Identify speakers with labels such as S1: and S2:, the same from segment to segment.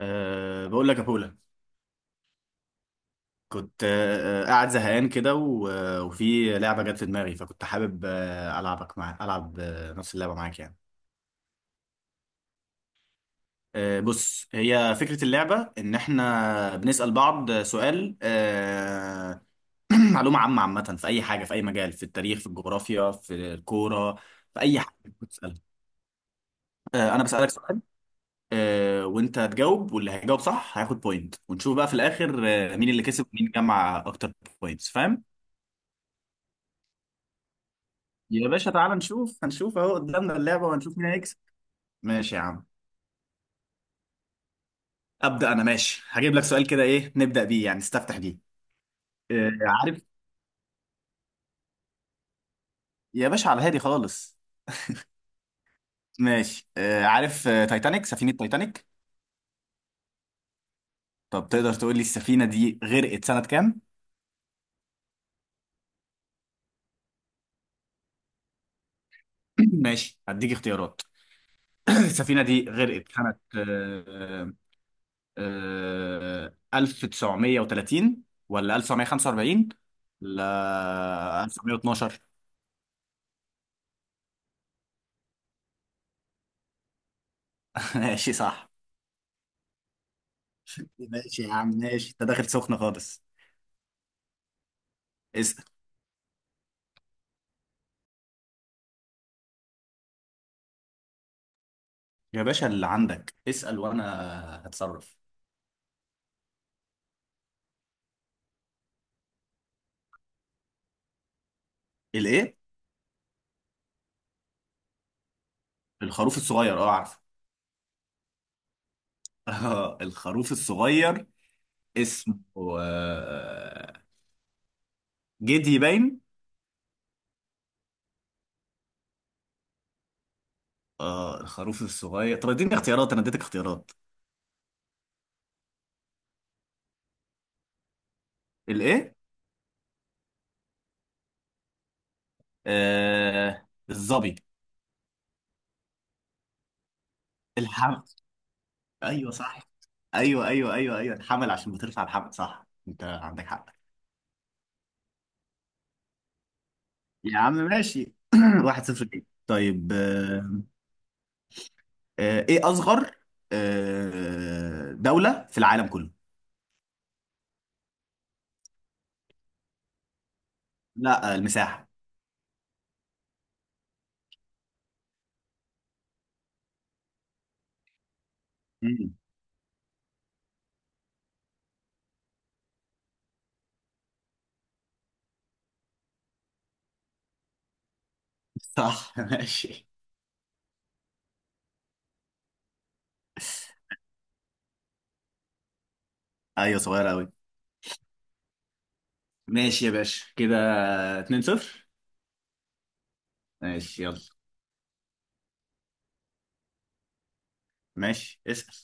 S1: بقول لك يا بولا. كنت أه آه، قاعد زهقان كده و- آه، وفي لعبة جت في دماغي، فكنت حابب ألعبك، ألعب نفس اللعبة معاك يعني. بص، هي فكرة اللعبة إن إحنا بنسأل بعض سؤال معلومة عامة في أي حاجة، في أي مجال، في التاريخ، في الجغرافيا، في الكورة، في أي حاجة بتسألها. أنا بسألك سؤال وأنت تجاوب، واللي هيجاوب صح هياخد بوينت، ونشوف بقى في الآخر مين اللي كسب ومين جمع أكتر بوينتس. فاهم؟ يا باشا تعال نشوف، هنشوف اهو قدامنا اللعبة وهنشوف مين هيكسب. ماشي يا عم. أبدأ أنا، ماشي، هجيب لك سؤال كده. إيه نبدأ بيه يعني، نستفتح بيه؟ آه عارف، يا باشا على هادي خالص. ماشي. آه عارف، تايتانيك، سفينة تايتانيك. طب تقدر تقول لي السفينة دي غرقت سنة كام؟ ماشي هديك اختيارات. السفينة دي غرقت سنة 1930 ولا 1945؟ لا، 1912. ماشي، صح. ماشي يا عم، ماشي، انت داخل سخنة خالص. اسأل. يا باشا اللي عندك اسأل، وانا هتصرف. الايه؟ الخروف الصغير، اه عارفه. اه الخروف الصغير اسمه آه، جدي باين. اه الخروف الصغير، طب اديني اختيارات، انا اديتك اختيارات. الايه؟ آه، الظبي. الحمل؟ ايوه صح. ايوه, الحمل، عشان بترفع الحمل. صح، انت عندك حق. يا عم ماشي. واحد صفر ليك. طيب، ايه اصغر دولة في العالم كله؟ لا، المساحة. مم. صح. ماشي. ايوه صغيرة قوي. ماشي يا باشا. كده 2 0. ماشي يلا. ماشي، اسأل.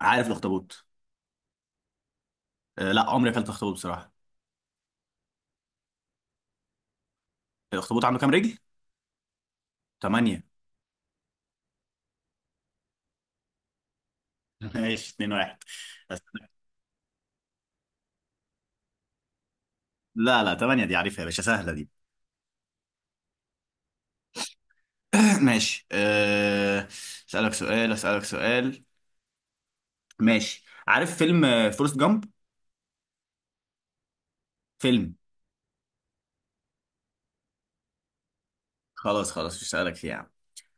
S1: عارف الاخطبوط. لا عمري اكلت اخطبوط بصراحة. الاخطبوط عنده كام رجل؟ 8. ماشي، 2 1. لا, 8 دي عارفها يا باشا، سهلة دي. ماشي، اسألك سؤال. ماشي، عارف فيلم فورست جامب؟ فيلم. خلاص خلاص مش هسألك فيه يا عم.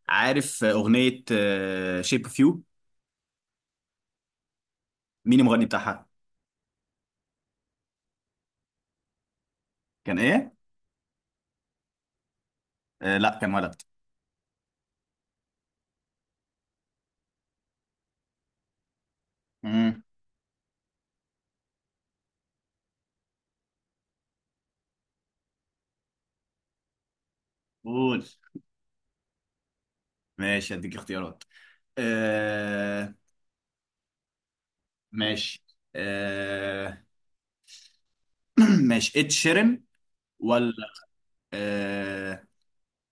S1: عارف أغنية شيب اوف يو؟ مين المغني بتاعها؟ كان إيه؟ آه لا، كان ولد. امم قول. ماشي هديك اختيارات. آه. ماشي. آه ماشي، إد شيرين، ولا آه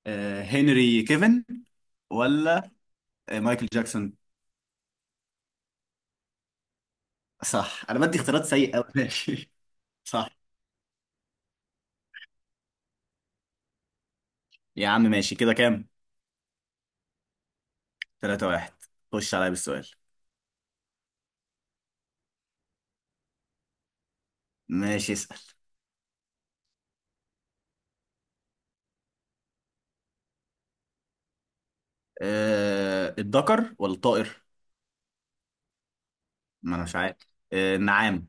S1: هنري كيفن، ولا مايكل جاكسون؟ صح. أنا بدي اختيارات سيئة أوي ماشي، صح. يا عم ماشي، كده كام؟ 3 1. خش عليا بالسؤال. ماشي، اسأل. آه الدكر ولا الطائر؟ ما انا مش عارف. آه، النعام.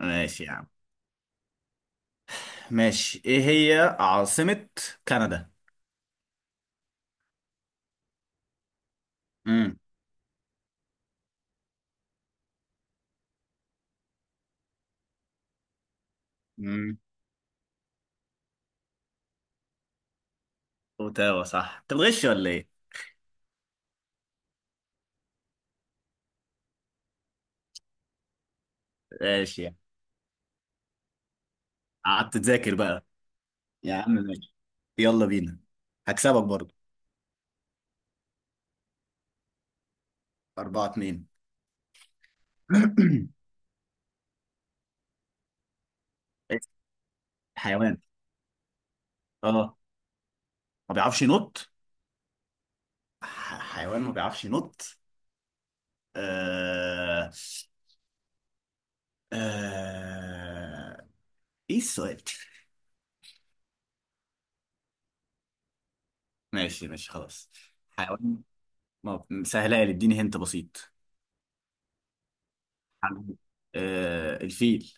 S1: ماشي يا عم. ماشي، ايه هي عاصمة كندا؟ امم امم. اوتاوا. صح. انت بتغش ولا ايه؟ ماشي يا عم. قعدت تذاكر بقى. يا عم ماشي. يلا بينا، هكسبك برضه. أربعة اتنين. حيوان، اه، ما بيعرفش ينط. حيوان ما بيعرفش ينط. آه... آه... ايه السؤال؟ ماشي ماشي خلاص. حيوان. ما سهلة لي، اديني هنت بسيط. حجمه. آه، الفيل.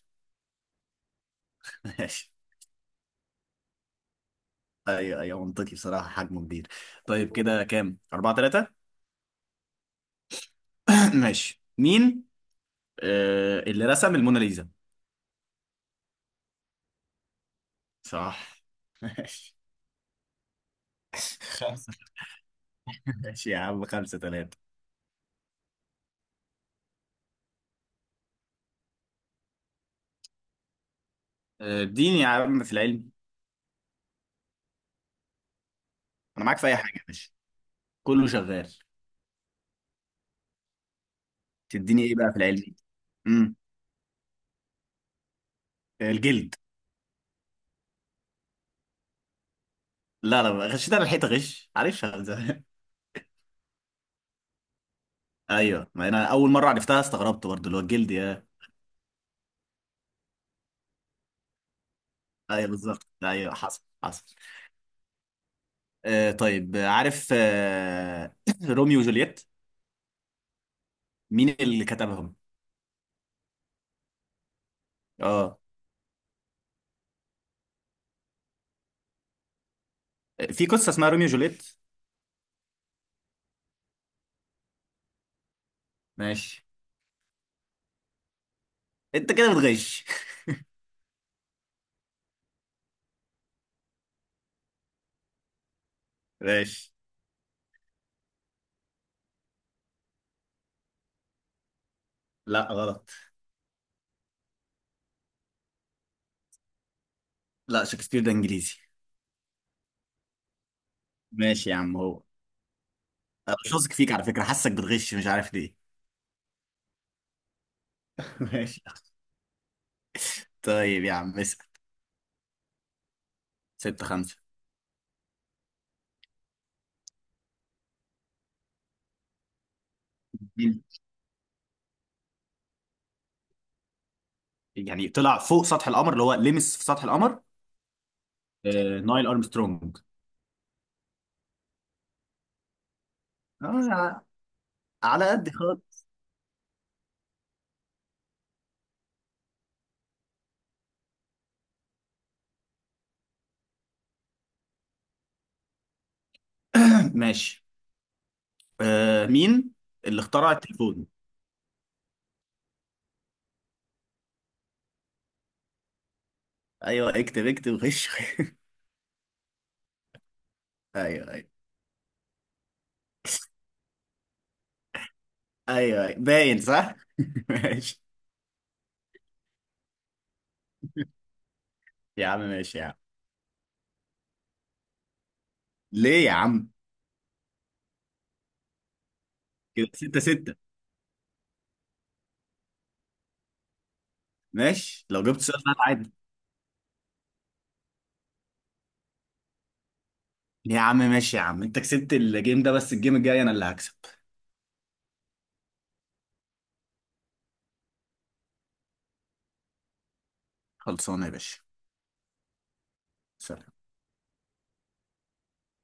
S1: ماشي. ايوه, منطقي بصراحة، حجمه كبير. طيب كده كام؟ أربعة تلاتة؟ ماشي، مين اللي رسم الموناليزا؟ صح. ماشي، خمسة. ماشي يا عم، خمسة تلاتة. اديني يا عم في العلم. أنا معاك في أي حاجة يا باشا، كله شغال. تديني إيه بقى في العلم؟ امم الجلد. لا, غشيت أنا الحيطة، غش، عارفها من زمان. أيوه، ما أنا أول مرة عرفتها استغربت برضه اللي هو الجلد. ايوه بالظبط، ايوه حصل حصل. آه طيب، عارف روميو وجولييت؟ مين اللي كتبهم؟ اه، في قصه اسمها روميو وجولييت. ماشي. انت كده بتغش ماشي. لا، غلط. لا، شكسبير ده انجليزي. ماشي يا عم، هو. أنا مش واثق فيك على فكره، حاسك بتغش، مش عارف ليه. ماشي. طيب يا عم اسال. ستة خمسة. مين؟ يعني طلع فوق سطح القمر، اللي هو لمس في سطح القمر؟ آه، نايل ارمسترونج. آه، على قد خالص. ماشي، مين اللي اخترع التليفون؟ ايوه اكتب اكتب غش ايوه ايوه ايوه, أيوة باين، صح. ماشي يا عم، ماشي يا عم. ليه يا عم؟ كده ستة ستة. ماشي، لو جبت سؤال بقى عادي. يا عم ماشي يا عم، انت كسبت الجيم ده، بس الجيم الجاي انا اللي هكسب. خلصانه يا باشا. سلام.